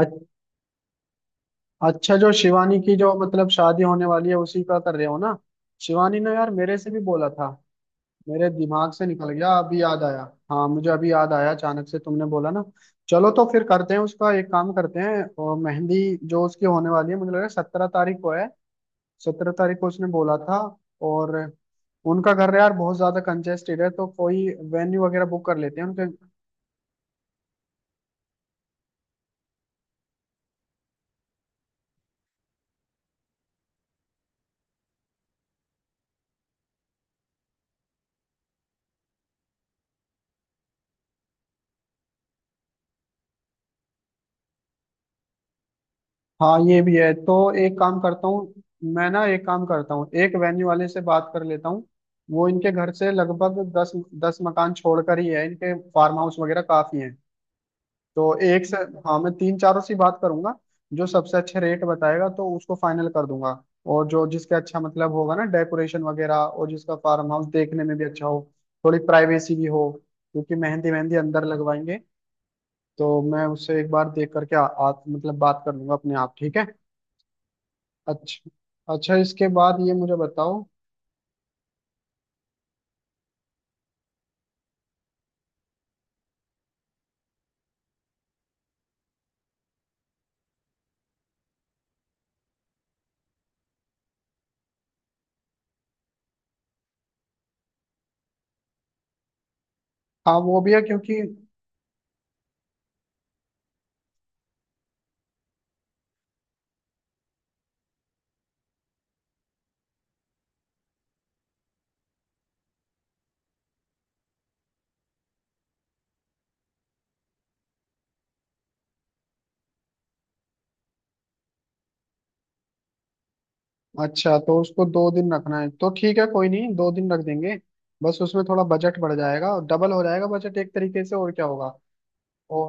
अच- अच्छा। जो शिवानी की जो मतलब शादी होने वाली है उसी का कर रहे हो ना। शिवानी ने यार मेरे से भी बोला था, मेरे दिमाग से निकल गया, अभी याद आया। हाँ, मुझे अभी याद आया, अचानक से तुमने बोला ना। चलो तो फिर करते हैं उसका, एक काम करते हैं। और मेहंदी जो उसकी होने वाली है, मुझे लग रहा है 17 तारीख को है। 17 तारीख को उसने बोला था। और उनका घर यार बहुत ज्यादा कंजेस्टेड है, तो कोई वेन्यू वगैरह बुक कर लेते हैं उनके। हाँ ये भी है तो एक काम करता हूँ। मैं ना एक काम करता हूँ, एक वेन्यू वाले से बात कर लेता हूँ। वो इनके घर से लगभग दस दस मकान छोड़कर ही है, इनके फार्म हाउस वगैरह काफी हैं। तो एक से, हाँ मैं तीन चारों से ही बात करूंगा। जो सबसे अच्छे रेट बताएगा तो उसको फाइनल कर दूंगा। और जो जिसके अच्छा मतलब होगा ना डेकोरेशन वगैरह, और जिसका फार्म हाउस देखने में भी अच्छा हो, थोड़ी प्राइवेसी भी हो, क्योंकि मेहंदी मेहंदी अंदर लगवाएंगे। तो मैं उससे एक बार देख करके आ, आ, मतलब बात कर लूंगा अपने आप। ठीक है। अच्छा अच्छा, इसके बाद ये मुझे बताओ। हाँ वो भी है क्योंकि, अच्छा तो उसको 2 दिन रखना है तो ठीक है, कोई नहीं, 2 दिन रख देंगे। बस उसमें थोड़ा बजट बढ़ जाएगा, और डबल हो जाएगा बजट एक तरीके से, और क्या होगा। ओ,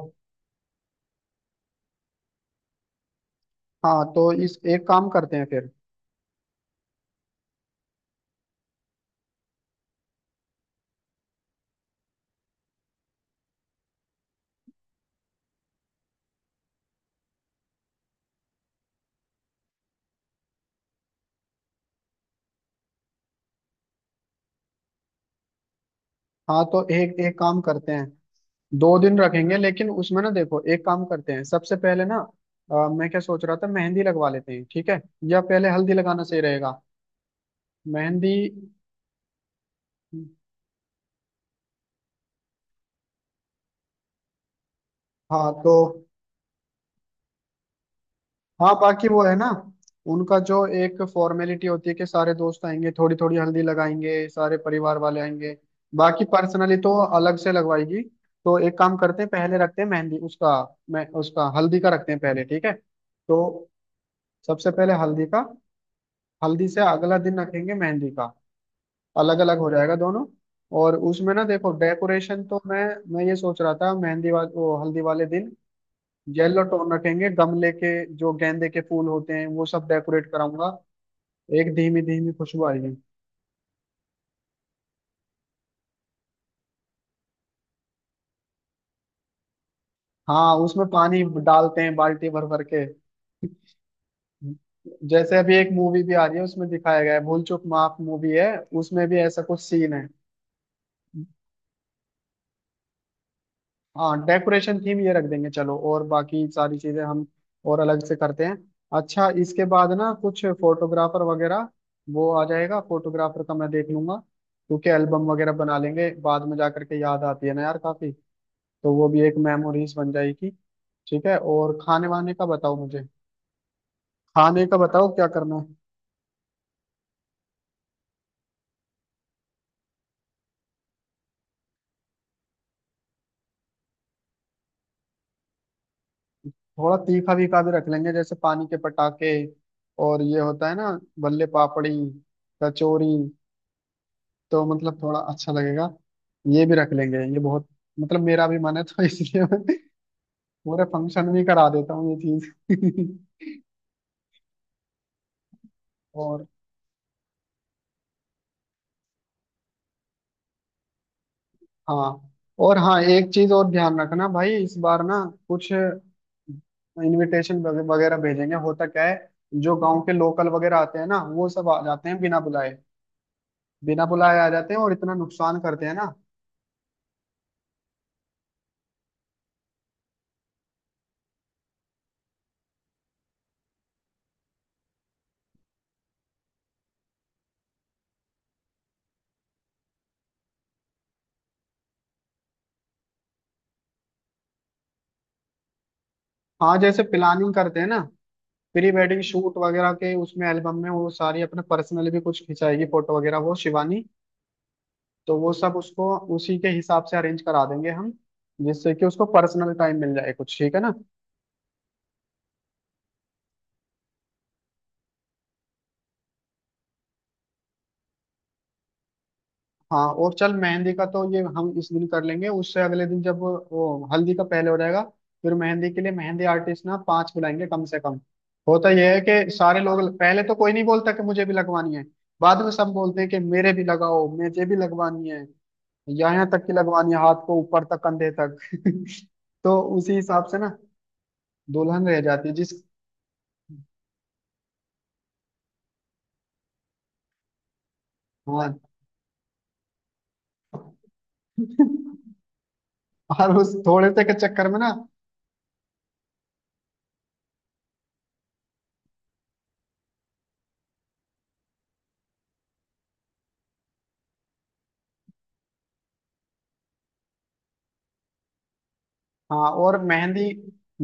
हाँ तो इस, एक काम करते हैं फिर। हाँ तो एक एक काम करते हैं, 2 दिन रखेंगे, लेकिन उसमें ना देखो एक काम करते हैं सबसे पहले ना, मैं क्या सोच रहा था, मेहंदी लगवा लेते हैं ठीक है, या पहले हल्दी लगाना सही रहेगा। मेहंदी, हाँ तो, हाँ बाकी वो है ना, उनका जो एक फॉर्मेलिटी होती है कि सारे दोस्त आएंगे थोड़ी थोड़ी हल्दी लगाएंगे, सारे परिवार वाले आएंगे, बाकी पर्सनली तो अलग से लगवाएगी। तो एक काम करते हैं, पहले रखते हैं मेहंदी उसका, मैं उसका हल्दी का रखते हैं पहले। ठीक है, तो सबसे पहले हल्दी का, हल्दी से अगला दिन रखेंगे मेहंदी का। अलग अलग हो जाएगा दोनों। और उसमें ना देखो डेकोरेशन तो मैं ये सोच रहा था मेहंदी वाले वो हल्दी वाले दिन येलो टोन रखेंगे। गमले के जो गेंदे के फूल होते हैं वो सब डेकोरेट कराऊंगा, एक धीमी धीमी खुशबू आएगी। हाँ उसमें पानी डालते हैं बाल्टी भर भर के। जैसे अभी एक मूवी भी आ रही है उसमें दिखाया गया है, भूल चूक माफ मूवी है, उसमें भी ऐसा कुछ सीन है। हाँ डेकोरेशन थीम ये रख देंगे चलो, और बाकी सारी चीजें हम और अलग से करते हैं। अच्छा इसके बाद ना कुछ फोटोग्राफर वगैरह, वो आ जाएगा, फोटोग्राफर का मैं देख लूंगा। क्योंकि एल्बम वगैरह बना लेंगे बाद में जा करके, याद आती है ना यार काफी। तो वो भी एक मेमोरीज बन जाएगी। ठीक है, और खाने वाने का बताओ मुझे, खाने का बताओ क्या करना है। थोड़ा तीखा वीखा भी रख लेंगे, जैसे पानी के पटाखे और ये होता है ना, बल्ले पापड़ी, कचौरी, तो मतलब थोड़ा अच्छा लगेगा। ये भी रख लेंगे ये बहुत, मतलब मेरा भी मन है तो इसलिए मैं पूरे फंक्शन भी करा देता हूँ ये चीज और हाँ, और हाँ एक चीज और ध्यान रखना भाई, इस बार ना कुछ इनविटेशन वगैरह भेजेंगे, होता क्या है, जो गांव के लोकल वगैरह आते हैं ना वो सब आ जाते हैं बिना बुलाए, बिना बुलाए आ जाते हैं और इतना नुकसान करते हैं ना। हाँ जैसे प्लानिंग करते हैं ना प्री वेडिंग शूट वगैरह के, उसमें एल्बम में वो सारी अपने पर्सनल भी कुछ खिंचाएगी फोटो वगैरह वो शिवानी। तो वो सब उसको उसी के हिसाब से अरेंज करा देंगे हम, जिससे कि उसको पर्सनल टाइम मिल जाए कुछ, ठीक है ना। हाँ और चल, मेहंदी का तो ये हम इस दिन कर लेंगे, उससे अगले दिन जब वो हल्दी का पहले हो जाएगा। फिर मेहंदी के लिए मेहंदी आर्टिस्ट ना पांच बुलाएंगे कम से कम। होता यह है कि सारे लोग पहले तो कोई नहीं बोलता कि मुझे भी लगवानी है, बाद में सब बोलते हैं कि मेरे भी लगाओ, मुझे भी लगवानी है, यहाँ तक की लगवानी है हाथ को ऊपर तक, कंधे तक तो उसी हिसाब से ना, दुल्हन रह जाती है जिस, हाँ, और उस थोड़े से के चक्कर में ना। हाँ और मेहंदी,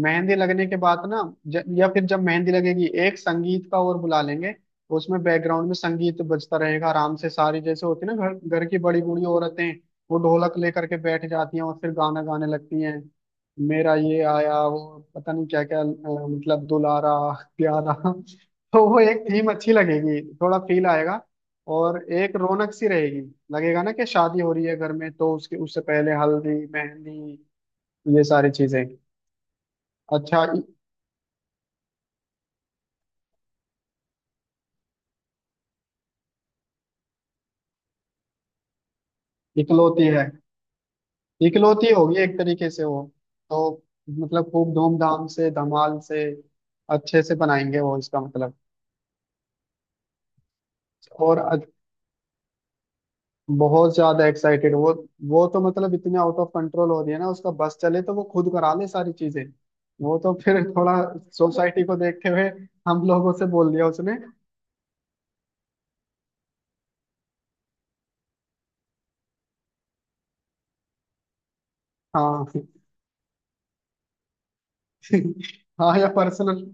मेहंदी लगने के बाद ना, या फिर जब मेहंदी लगेगी, एक संगीत का और बुला लेंगे, उसमें बैकग्राउंड में संगीत बजता रहेगा आराम से, सारी जैसे होती है ना घर घर की बड़ी बूढ़ी औरतें, वो ढोलक लेकर के बैठ जाती हैं और फिर गाना गाने लगती हैं। मेरा ये आया वो, पता नहीं क्या क्या मतलब, दुलारा, प्यारा। तो वो एक थीम अच्छी लगेगी, थोड़ा फील आएगा और एक रौनक सी रहेगी, लगेगा ना कि शादी हो रही है घर में, तो उसके उससे पहले हल्दी मेहंदी ये सारी चीजें। अच्छा इकलौती है, इकलौती होगी एक तरीके से वो। तो मतलब खूब धूमधाम से धमाल से अच्छे से बनाएंगे वो इसका मतलब। और बहुत ज्यादा एक्साइटेड वो। वो तो मतलब इतने आउट ऑफ कंट्रोल हो रही है ना, उसका बस चले तो वो खुद करा ले सारी चीजें। वो तो फिर थोड़ा सोसाइटी को देखते हुए हम लोगों से बोल दिया उसने। हाँ हाँ या पर्सनल।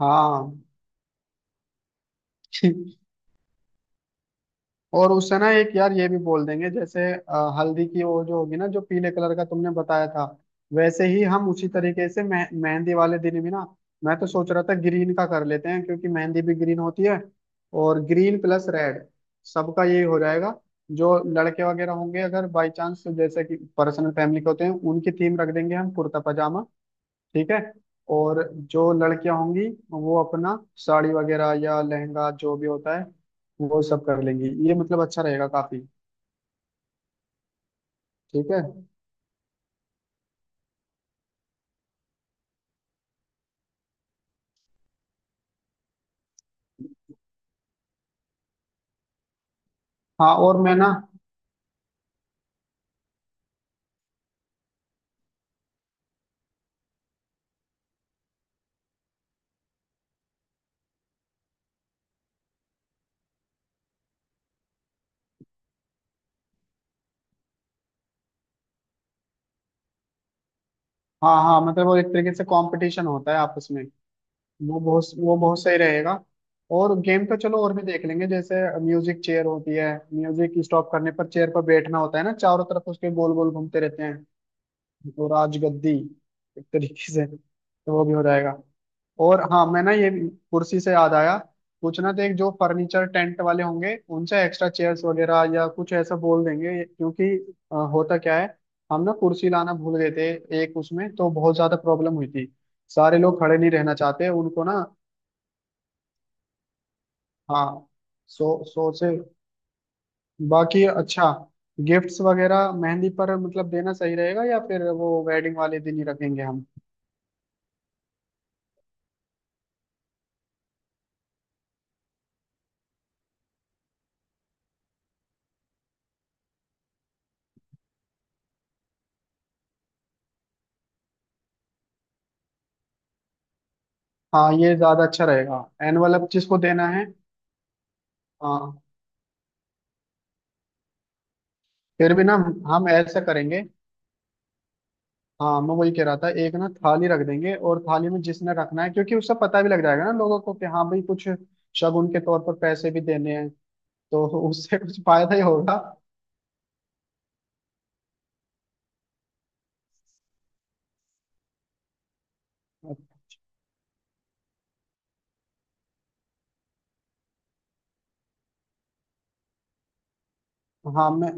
हाँ और उससे ना एक यार ये भी बोल देंगे जैसे, हल्दी की वो जो होगी ना, जो पीले कलर का तुमने बताया था, वैसे ही हम उसी तरीके से मेहंदी वाले दिन भी ना, मैं तो सोच रहा था ग्रीन का कर लेते हैं क्योंकि मेहंदी भी ग्रीन होती है। और ग्रीन प्लस रेड सबका यही हो जाएगा। जो लड़के वगैरह होंगे अगर बाई चांस, जैसे कि पर्सनल फैमिली के होते हैं, उनकी थीम रख देंगे हम कुर्ता। ठीक है। और जो लड़कियां होंगी वो अपना साड़ी वगैरह या लहंगा जो भी होता है, वो सब कर लेंगी, ये मतलब अच्छा रहेगा काफी। ठीक है। हाँ और मैं ना, हाँ हाँ मतलब वो एक तरीके से कंपटीशन होता है आपस में, वो बहुत सही रहेगा। और गेम तो चलो और भी देख लेंगे, जैसे म्यूजिक चेयर होती है, म्यूजिक स्टॉप करने पर चेयर पर बैठना होता है ना, चारों तरफ उसके गोल गोल घूमते रहते हैं। तो राजगद्दी एक तरीके से, तो वो भी हो जाएगा। और हाँ मैं ना ये, कुर्सी से याद आया, पूछना था एक जो फर्नीचर टेंट वाले होंगे उनसे एक्स्ट्रा चेयर्स वगैरह या कुछ ऐसा बोल देंगे, क्योंकि होता क्या है हम ना कुर्सी लाना भूल गए थे, एक उसमें तो बहुत ज्यादा प्रॉब्लम हुई थी, सारे लोग खड़े नहीं रहना चाहते उनको ना। हाँ, सो से, बाकी अच्छा। गिफ्ट्स वगैरह मेहंदी पर मतलब देना सही रहेगा, या फिर वो वेडिंग वाले दिन ही रखेंगे हम। हाँ ये ज्यादा अच्छा रहेगा, एनवलप जिसको देना है। हाँ फिर भी ना हम ऐसा करेंगे, हाँ मैं वही कह रहा था एक ना थाली रख देंगे और थाली में जिसने रखना है, क्योंकि उससे पता भी लग जाएगा ना लोगों को कि हाँ भाई कुछ शगुन के तौर पर पैसे भी देने हैं, तो उससे कुछ फायदा ही होगा। हाँ मैं,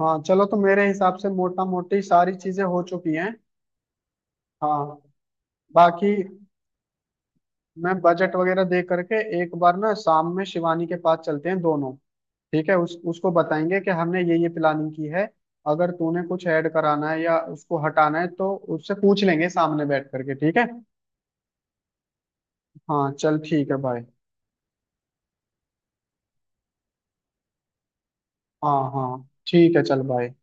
हाँ चलो तो मेरे हिसाब से मोटा मोटी सारी चीजें हो चुकी हैं। हाँ बाकी मैं बजट वगैरह दे करके एक बार ना शाम में शिवानी के पास चलते हैं दोनों, ठीक है, उस उसको बताएंगे कि हमने ये प्लानिंग की है, अगर तूने कुछ ऐड कराना है या उसको हटाना है तो उससे पूछ लेंगे सामने बैठ करके। ठीक है। हाँ चल ठीक है भाई। हाँ हाँ ठीक है चल भाई।